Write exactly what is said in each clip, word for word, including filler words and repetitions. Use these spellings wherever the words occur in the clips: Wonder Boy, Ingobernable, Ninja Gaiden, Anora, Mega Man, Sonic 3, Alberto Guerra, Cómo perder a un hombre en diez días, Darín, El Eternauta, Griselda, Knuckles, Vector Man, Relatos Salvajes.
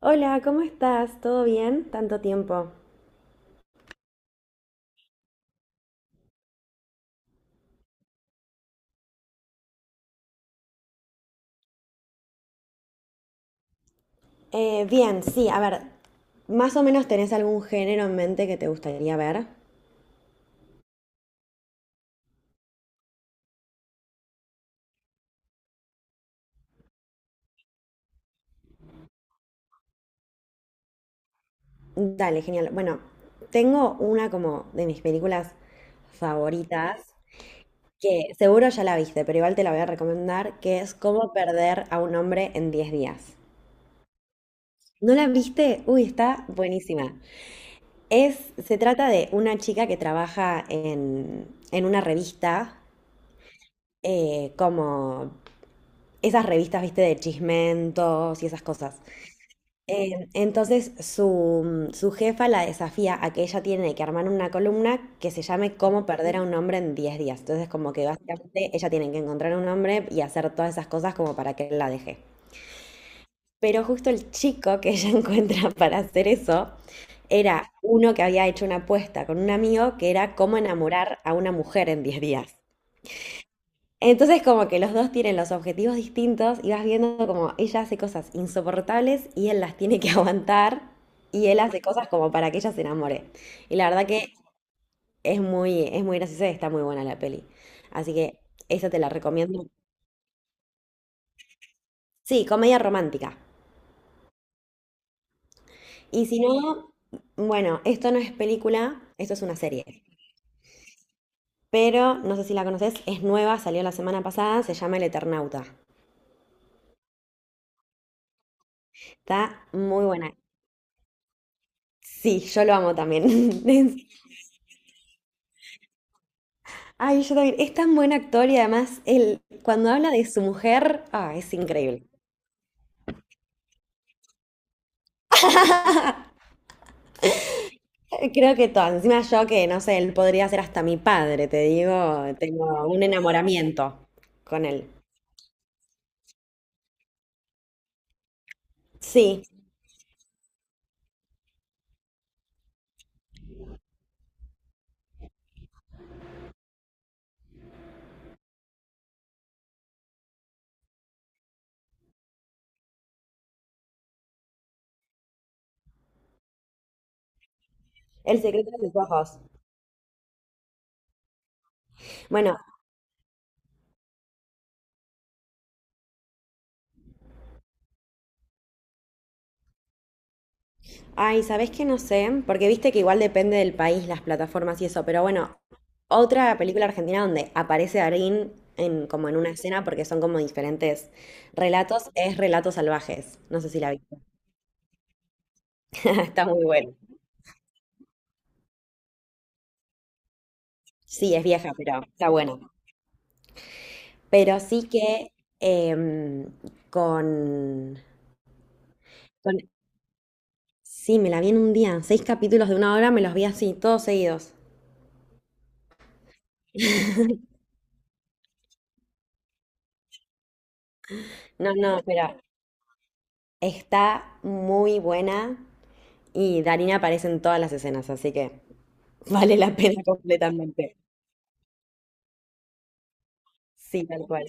Hola, ¿cómo estás? ¿Todo bien? Tanto tiempo. Eh, bien, sí, a ver, ¿más o menos tenés algún género en mente que te gustaría ver? Dale, genial. Bueno, tengo una como de mis películas favoritas, que seguro ya la viste, pero igual te la voy a recomendar, que es Cómo perder a un hombre en diez días. ¿No la viste? Uy, está buenísima. Es, se trata de una chica que trabaja en, en una revista eh, como esas revistas, viste, de chismentos y esas cosas. Eh, entonces su, su jefa la desafía a que ella tiene que armar una columna que se llame Cómo perder a un hombre en diez días. Entonces como que básicamente ella tiene que encontrar a un hombre y hacer todas esas cosas como para que él la deje. Pero justo el chico que ella encuentra para hacer eso era uno que había hecho una apuesta con un amigo que era cómo enamorar a una mujer en diez días. Entonces como que los dos tienen los objetivos distintos y vas viendo como ella hace cosas insoportables y él las tiene que aguantar y él hace cosas como para que ella se enamore. Y la verdad que es muy, es muy graciosa y está muy buena la peli. Así que esa te la recomiendo. Sí, comedia romántica. Y si no, bueno, esto no es película, esto es una serie. Pero no sé si la conoces, es nueva, salió la semana pasada, se llama El Eternauta. Está muy buena. Sí, yo lo amo también. Ay, yo también. Es tan buen actor y además él, cuando habla de su mujer, ah, es increíble. Eh, Creo que todo. Encima yo que, no sé, él podría ser hasta mi padre, te digo, tengo un enamoramiento con él. Sí, el secreto de sus ojos. Bueno, ay, ¿sabés qué? No sé, porque viste que igual depende del país, las plataformas y eso, pero bueno, otra película argentina donde aparece Darín en, como en una escena, porque son como diferentes relatos, es Relatos Salvajes. No sé si la viste. Está muy bueno. Sí, es vieja, pero está buena. Pero sí que em, con, con... Sí, me la vi en un día. Seis capítulos de una hora me los vi así, todos seguidos. No, no, pero está muy buena y Darina aparece en todas las escenas, así que vale la pena completamente. Sí, tal cual.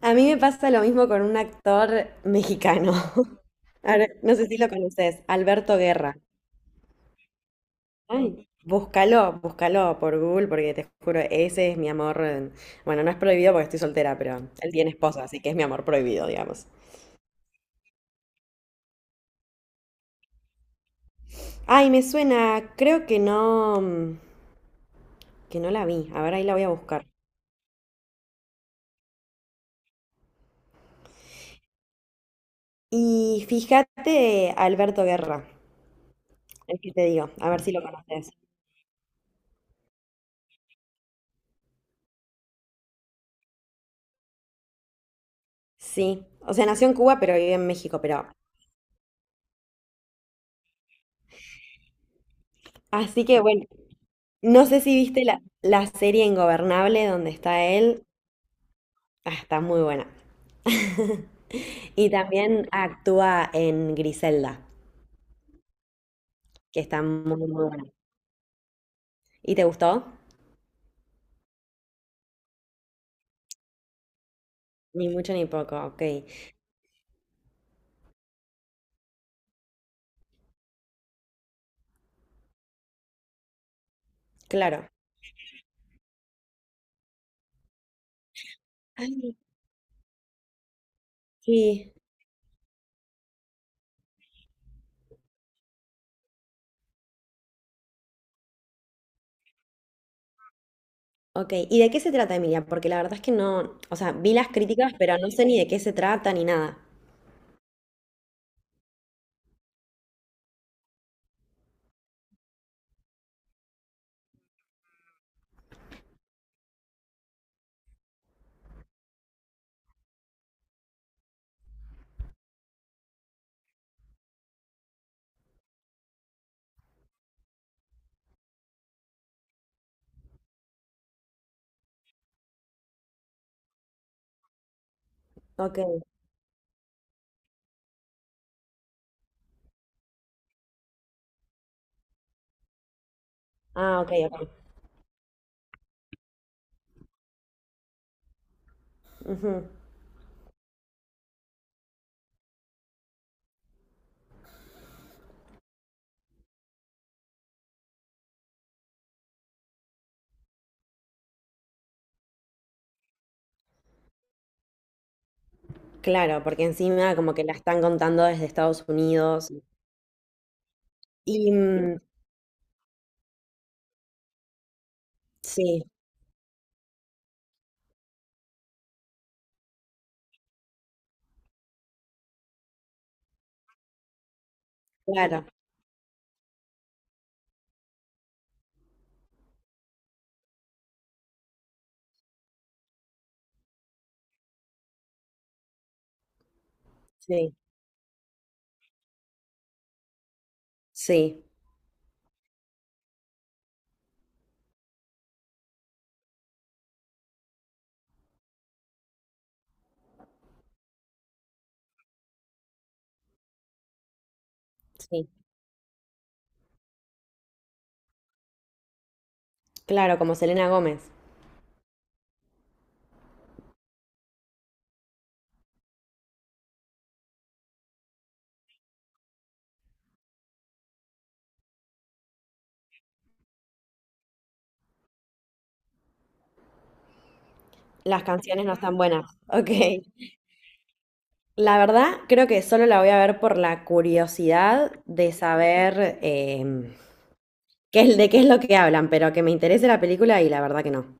A mí me pasa lo mismo con un actor mexicano. A ver, no sé si lo conoces, Alberto Guerra. Ay, búscalo, búscalo por Google, porque te juro, ese es mi amor. eh, Bueno, no es prohibido porque estoy soltera, pero él tiene esposa, así que es mi amor prohibido, digamos. Ay, me suena, creo que no, mm, que no la vi. A ver, ahí la voy a buscar. Y fíjate, Alberto Guerra, el que te digo, a ver si lo conoces. Sí, o sea, nació en Cuba, pero vive en México, pero. Así que bueno, no sé si viste la, la serie Ingobernable donde está él. Ah, está muy buena. Y también actúa en Griselda, que está muy, muy buena. ¿Y te gustó? Ni mucho ni poco, ok. Claro. Ay, sí. Ok, ¿y de qué se trata, Emilia? Porque la verdad es que no, o sea, vi las críticas, pero no sé ni de qué se trata ni nada. Ok, ah, ok, ok. Ujú. Claro, porque encima como que la están contando desde Estados Unidos. Y mm, sí, claro, sí, sí, sí. Claro, como Selena Gómez. Las canciones no están buenas. Ok. La verdad, creo que solo la voy a ver por la curiosidad de saber em, qué es, de qué es lo que hablan, pero que me interese la película y la verdad que no.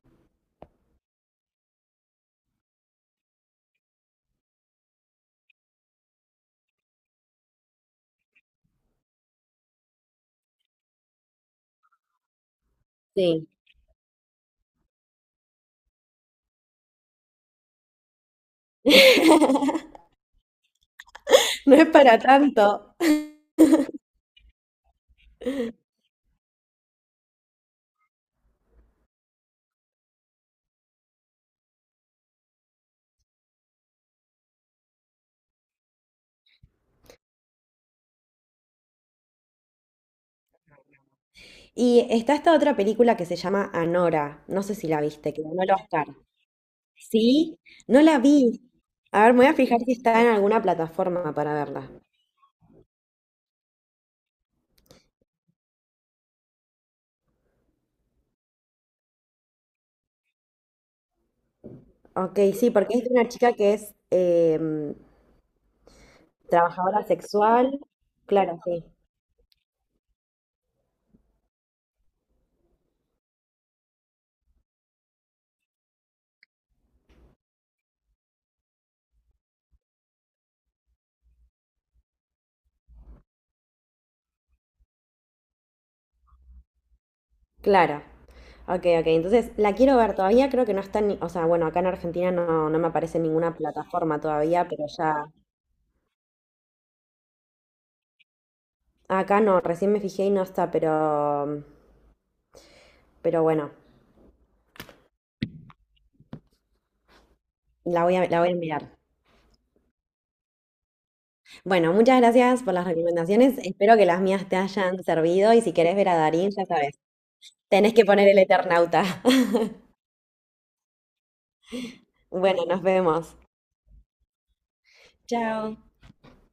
Sí. No es para tanto. Y está esta otra película que se llama Anora. No sé si la viste, que ganó el Oscar. Sí, no la vi. A ver, me voy a fijar si está en alguna plataforma para verla. Ok, sí, porque es de una chica que es em, trabajadora sexual. Claro, sí. Claro. Ok, ok. Entonces, la quiero ver todavía. Creo que no está ni. O sea, bueno, acá en Argentina no, no me aparece en ninguna plataforma todavía, pero ya. Acá no, recién me fijé y no está, pero. Pero bueno, la voy a, la voy a mirar. Bueno, muchas gracias por las recomendaciones. Espero que las mías te hayan servido. Y si querés ver a Darín, ya sabes, tenés que poner el Eternauta. Bueno, nos vemos. Chao.